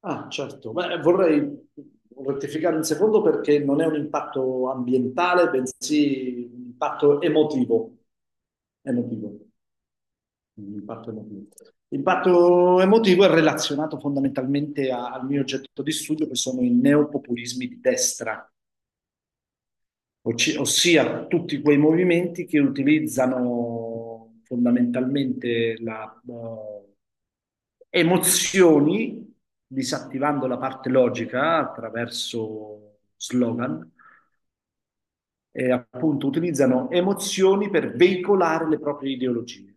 Ah, certo. Beh, vorrei rettificare un secondo perché non è un impatto ambientale, bensì un impatto emotivo. Emotivo. Un impatto emotivo. L'impatto emotivo è relazionato fondamentalmente al mio oggetto di studio, che sono i neopopulismi di destra, ossia tutti quei movimenti che utilizzano fondamentalmente emozioni, disattivando la parte logica attraverso slogan, e appunto utilizzano emozioni per veicolare le proprie ideologie,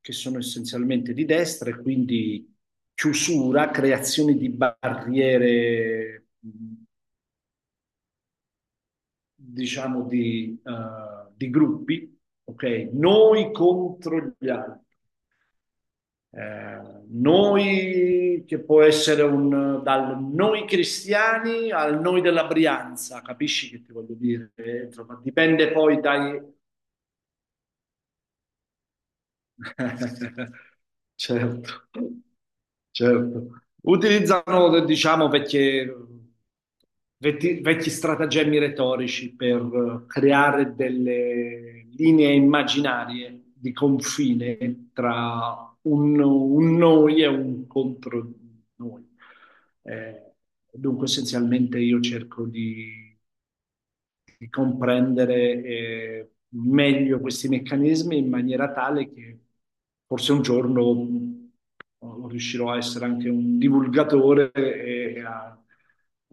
che sono essenzialmente di destra e quindi chiusura, creazione di barriere, diciamo, di gruppi, ok? Noi contro gli altri. Noi, che può essere un, dal noi cristiani al noi della Brianza, capisci che ti voglio dire? Insomma, dipende poi dai, certo, certo. Utilizzano, diciamo, vecchi stratagemmi retorici per creare delle linee immaginarie di confine tra un noi e un contro noi. Eh, Dunque, essenzialmente, io cerco di comprendere meglio questi meccanismi in maniera tale che forse un giorno riuscirò a essere anche un divulgatore e a,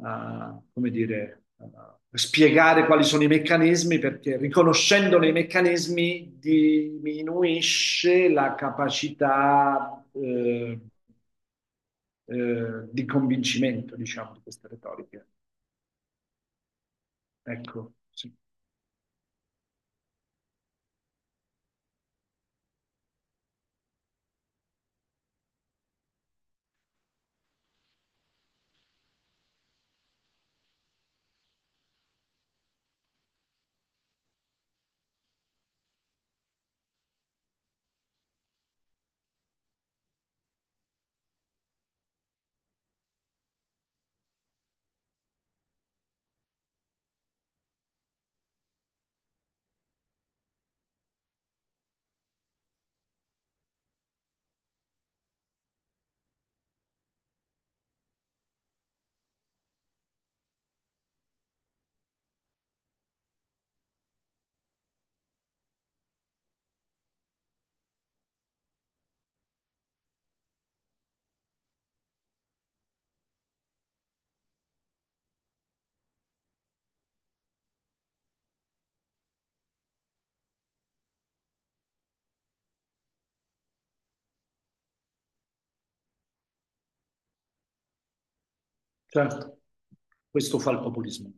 a, come dire, a spiegare quali sono i meccanismi, perché riconoscendone i meccanismi diminuisce la capacità di convincimento, diciamo, di queste retoriche. Ecco, sì. Certo, questo fa il populismo.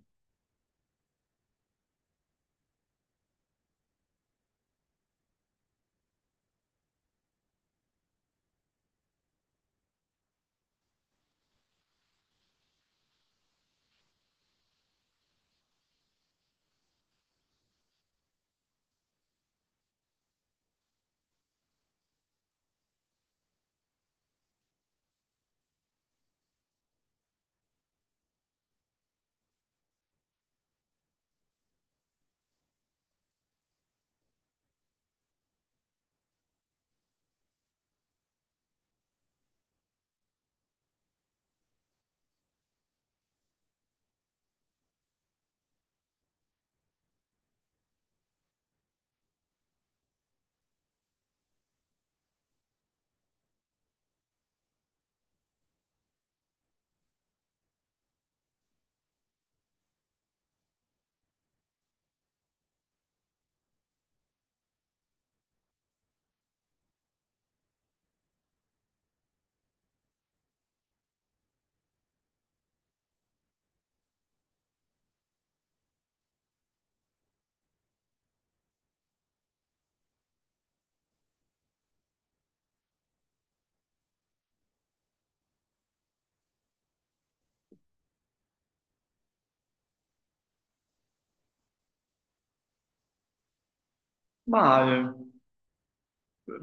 Ma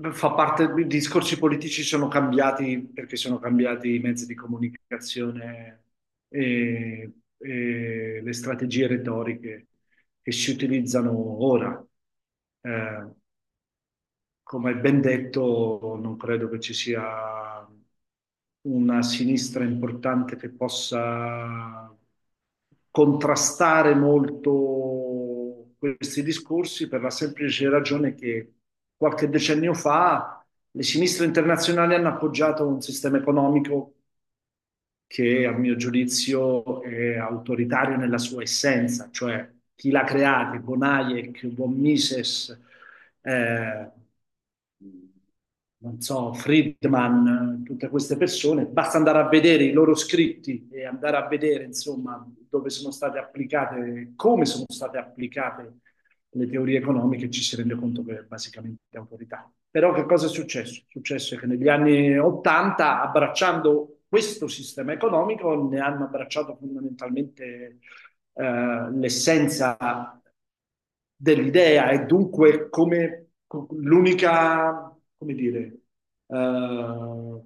fa parte, i discorsi politici sono cambiati perché sono cambiati i mezzi di comunicazione e, e le strategie retoriche che si utilizzano ora. Eh, Come ben detto, non credo che ci sia una sinistra importante che possa contrastare molto questi discorsi per la semplice ragione che qualche decennio fa le sinistre internazionali hanno appoggiato un sistema economico che a mio giudizio è autoritario nella sua essenza, cioè chi l'ha creato, von Hayek, von Mises, eh, non so, Friedman, tutte queste persone, basta andare a vedere i loro scritti e andare a vedere, insomma, dove sono state applicate, come sono state applicate le teorie economiche ci si rende conto che è basicamente autorità. Però che cosa è successo? È successo che negli anni 80, abbracciando questo sistema economico, ne hanno abbracciato fondamentalmente l'essenza dell'idea e dunque come l'unica, come dire, eh,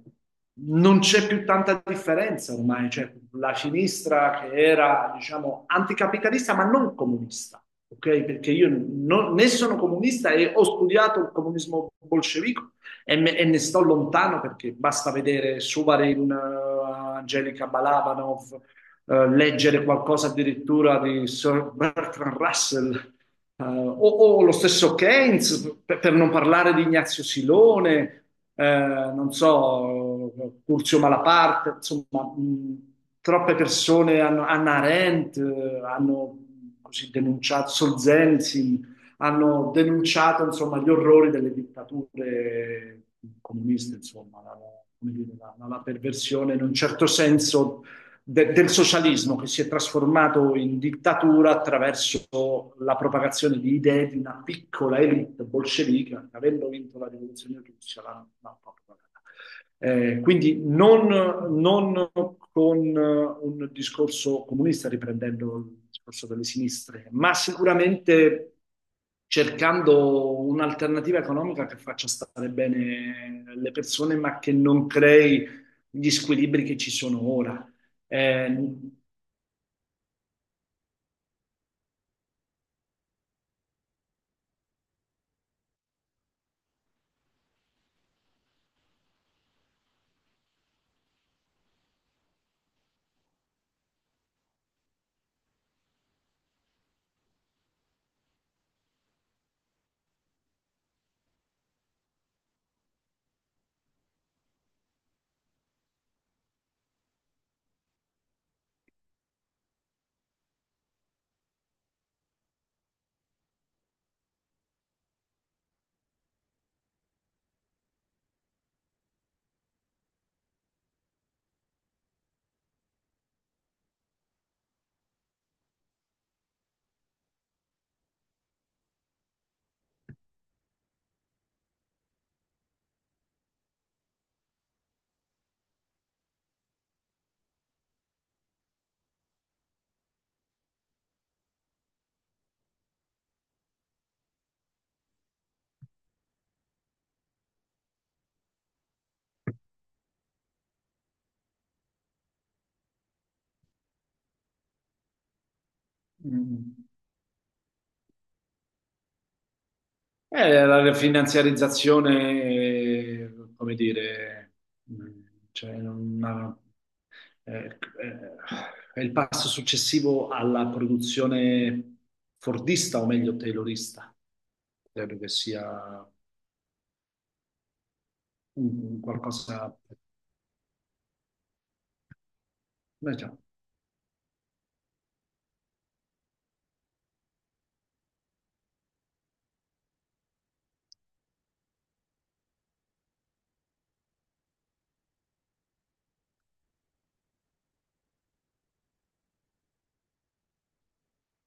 non c'è più tanta differenza ormai, cioè la sinistra che era, diciamo, anticapitalista ma non comunista, ok? Perché io né sono comunista e ho studiato il comunismo bolscevico e ne sto lontano perché basta vedere Suvarin, Angelica Balabanov, leggere qualcosa addirittura di Sir Bertrand Russell, o lo stesso Keynes, per non parlare di Ignazio Silone, non so, Curzio Malaparte, insomma, troppe persone hanno, Hannah Arendt, hanno così denunciato, Solzhenitsyn, hanno denunciato, insomma, gli orrori delle dittature comuniste, insomma, come dire, la perversione in un certo senso del socialismo che si è trasformato in dittatura attraverso la propagazione di idee di una piccola elite bolscevica che avendo vinto la rivoluzione russa l'hanno propagata. Quindi non con un discorso comunista riprendendo il discorso delle sinistre, ma sicuramente cercando un'alternativa economica che faccia stare bene le persone, ma che non crei gli squilibri che ci sono ora. Eh, mm, la finanziarizzazione, come dire, mm, cioè, non ha- eh, eh, è il passo successivo alla produzione fordista o meglio taylorista. Credo che sia un qualcosa, beh, già,